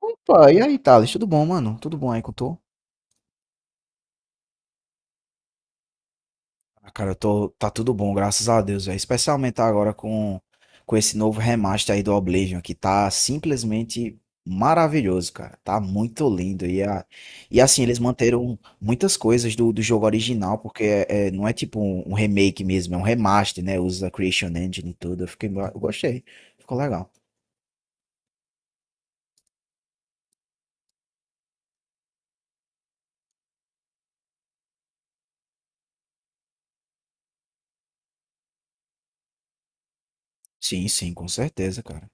Opa, e aí, Thales? Tudo bom, mano? Tudo bom aí com tu? Ah, cara, tá tudo bom, graças a Deus, velho. Especialmente agora com esse novo remaster aí do Oblivion, que tá simplesmente maravilhoso, cara. Tá muito lindo. E, a, e assim, eles manteram muitas coisas do jogo original, porque não é tipo um remake mesmo, é um remaster, né? Usa a Creation Engine e tudo. Eu gostei. Ficou legal. Sim, sim, com certeza, cara.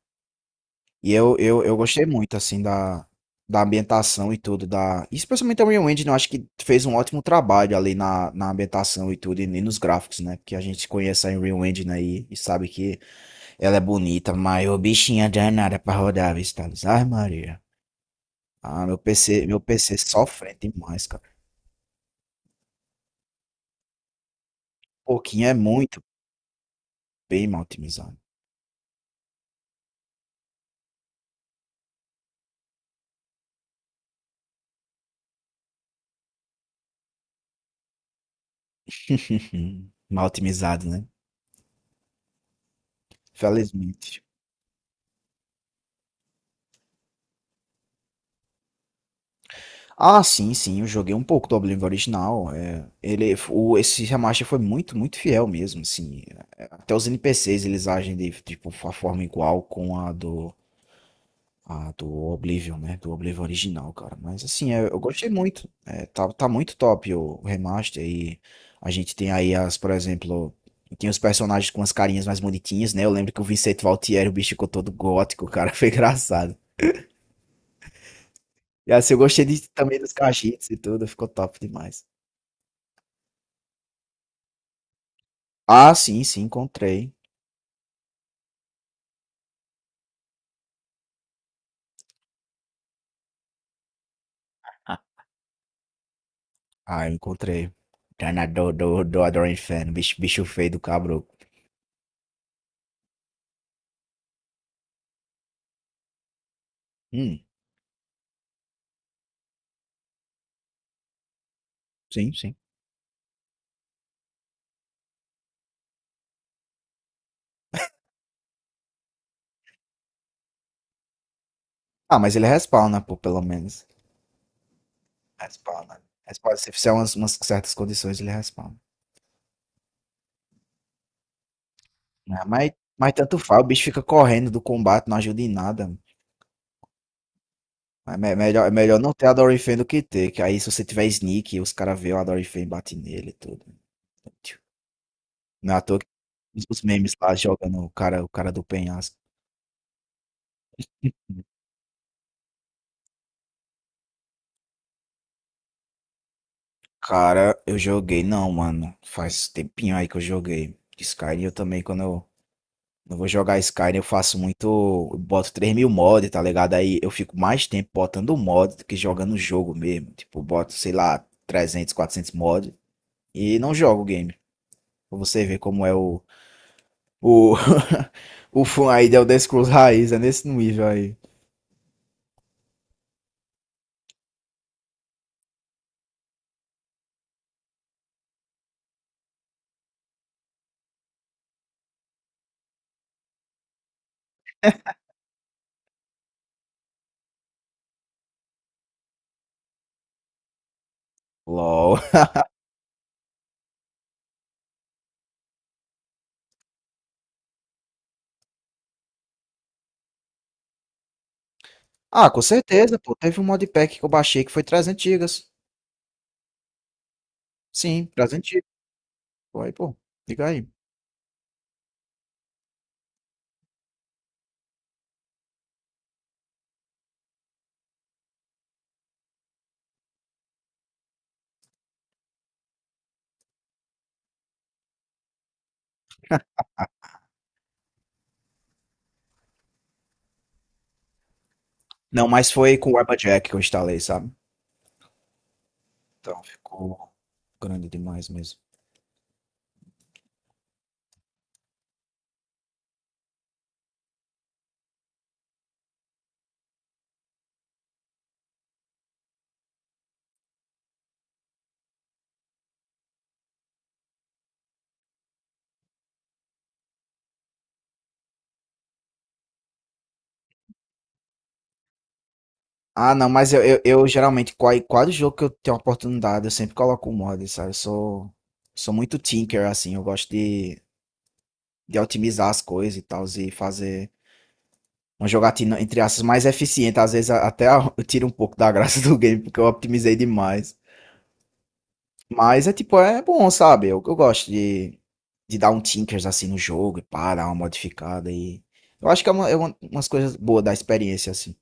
E eu gostei muito, assim, da, da ambientação e tudo, da. Especialmente a Real Engine, eu acho que fez um ótimo trabalho ali na ambientação e tudo, e nem nos gráficos, né? Porque a gente conhece a Unreal Engine aí e sabe que ela é bonita, mas o bichinho é danada pra rodar, viu, Thales? Ai, Maria. Ah, meu PC sofre demais, cara. Pouquinho é muito bem mal otimizado. Mal otimizado, né? Felizmente. Ah, sim, sim, eu joguei um pouco do Oblivion original. Ele, o, esse remaster foi muito fiel mesmo, assim. Até os NPCs eles agem de tipo a forma igual com a do Oblivion, né? Do Oblivion original, cara. Mas assim, é, eu gostei muito. Tá, tá muito top o remaster e a gente tem aí as, por exemplo, tem os personagens com as carinhas mais bonitinhas, né? Eu lembro que o Vicente Valtieri, o bicho ficou todo gótico, cara, foi engraçado. E assim, eu gostei de, também dos cachitos e tudo, ficou top demais. Ah, sim, sim, encontrei. Ah, ah, eu encontrei. Treinador do Adoran Inferno, bicho, bicho feio do cabro. Hum, sim, sim. Ah, mas ele respawna, pô, pelo menos. Respawna. Respawna. Se fizer umas, umas certas condições, ele respawna. Ah, mas tanto faz, o bicho fica correndo do combate, não ajuda em nada. Mas me- é melhor não ter Adoring Fan do que ter, que aí se você tiver sneak, os caras veem o Adoring Fan e batem nele e tudo. Não é à toa que os memes lá jogando o cara do penhasco. Cara, eu joguei, não, mano. Faz tempinho aí que eu joguei. Skyrim, eu também, quando eu vou jogar Skyrim, eu faço muito. Eu boto 3000 mods, tá ligado? Aí eu fico mais tempo botando mod do que jogando o jogo mesmo. Tipo, eu boto, sei lá, 300, 400 mods e não jogo o game. Pra você ver como é o. O, o fã aí de Elder Scrolls raiz, é nesse nível aí. LOL. Ah, com certeza, pô. Teve um modpack que eu baixei que foi 300 gigas. Sim, 300 gigas. Pô, aí, pô, liga aí. Não, mas foi com o Warpajack que eu instalei, sabe? Então ficou grande demais mesmo. Ah, não, mas eu geralmente, qual- quase jogo que eu tenho oportunidade, eu sempre coloco o mod, sabe? Sou muito tinker, assim, eu gosto de otimizar as coisas e tal, e fazer uma jogatina, entre aspas, mais eficiente. Às vezes a- até a- eu tiro um pouco da graça do game, porque eu otimizei demais. Mas é tipo, é bom, sabe? Eu gosto de dar um tinkers assim no jogo e pá, dar uma modificada e. Eu acho que é uma- umas coisas boas da experiência, assim.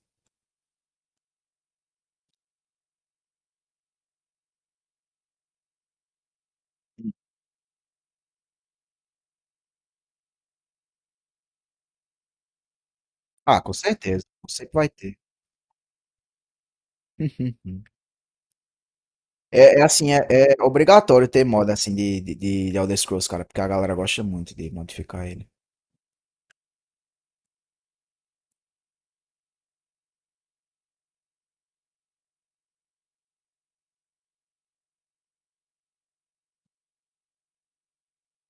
Ah, com certeza. Sempre vai ter. É, é assim, é, é obrigatório ter moda assim de Elder Scrolls, cara, porque a galera gosta muito de modificar ele.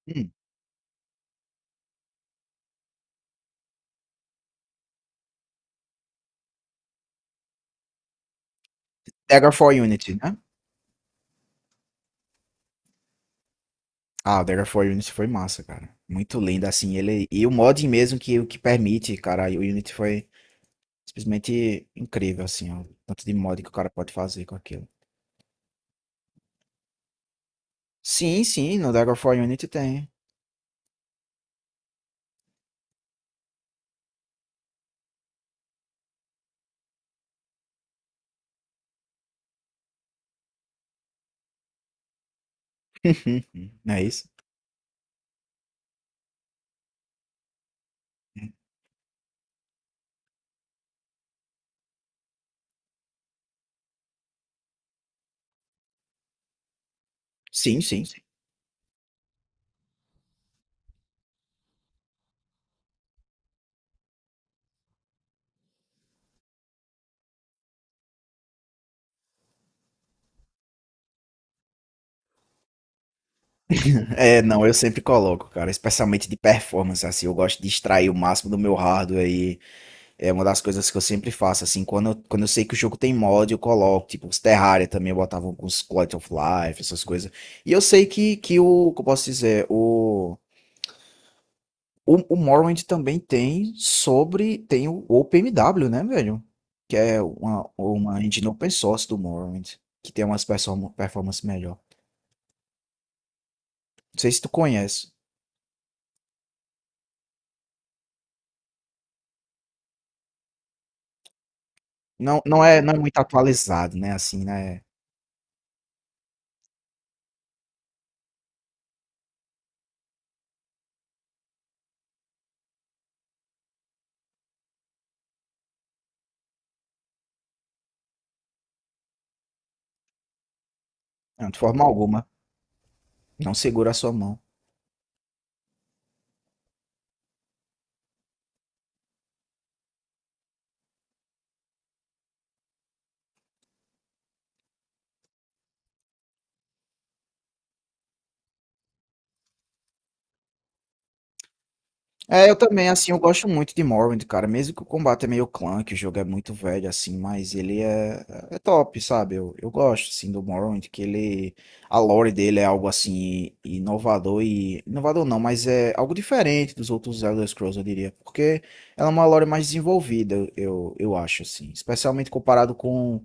Hum, Dagger for Unity, né? Ah, o Dagger for Unity foi massa, cara. Muito lindo, assim, ele. E o mod mesmo que, o que permite, cara, o Unity foi simplesmente incrível, assim, ó. Tanto de mod que o cara pode fazer com aquilo. Sim, sim, no Dagger for Unity tem. Não é isso? Sim. É, não, eu sempre coloco, cara, especialmente de performance, assim, eu gosto de extrair o máximo do meu hardware. É uma das coisas que eu sempre faço, assim, quando eu sei que o jogo tem mod, eu coloco, tipo, os Terraria também, eu botava alguns Quality of Life, essas coisas. E eu sei que o, que eu posso dizer, o Morrowind também tem sobre, tem o OpenMW, né, velho? Que é uma engine open source do Morrowind, que tem umas perso- performance melhor. Não sei se tu conhece. Não, não é muito atualizado, né, assim, né? Não, de forma alguma, não segura a sua mão. É, eu também, assim, eu gosto muito de Morrowind, cara. Mesmo que o combate é meio clunky, o jogo é muito velho, assim, mas ele é, é top, sabe? Eu gosto, assim, do Morrowind, que ele. A lore dele é algo, assim, inovador e. Inovador não, mas é algo diferente dos outros Elder Scrolls, eu diria. Porque ela é uma lore mais desenvolvida, eu acho, assim. Especialmente comparado com.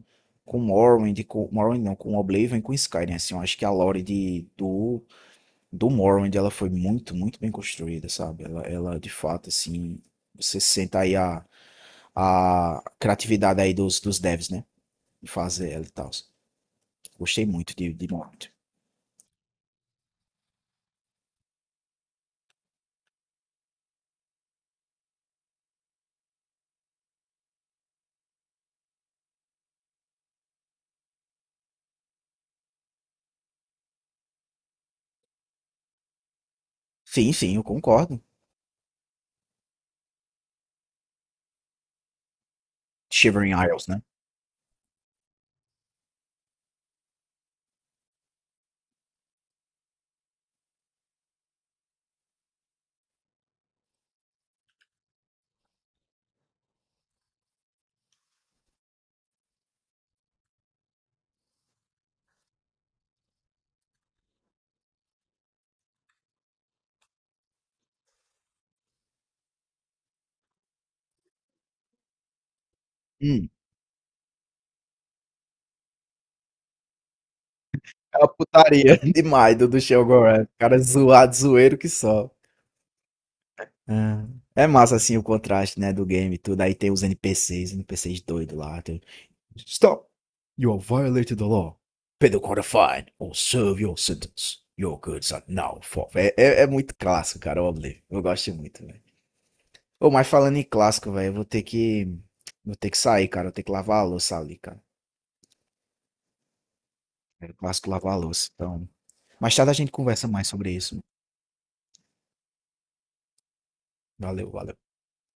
Com Morrowind, com. Morrowind não, com Oblivion e com Skyrim, assim. Eu acho que a lore do do Morrowind, ela foi muito bem construída, sabe? Ela de fato, assim, você sente aí a criatividade aí dos devs, né? De fazer ela e tal. Gostei muito de Morrowind. Sim, sim, eu concordo. Shivering Isles, né? Hum, é uma putaria demais do Shogun. Cara zoado, zoeiro que só. Ah, é massa assim o contraste, né, do game e tudo. Aí tem os NPCs, NPCs doido lá. Stop! You have violated the law. Pay the quarter fine or serve your sentence. Your goods are now forfeit. É, é, é muito clássico, cara, o Oblivion. Eu gosto muito, velho. Ô, mas falando em clássico, velho, eu vou ter que. Vou ter que sair, cara. Eu tenho que lavar a louça ali, cara. É o clássico lavar a louça. Então. Mais tarde a gente conversa mais sobre isso. Valeu, valeu.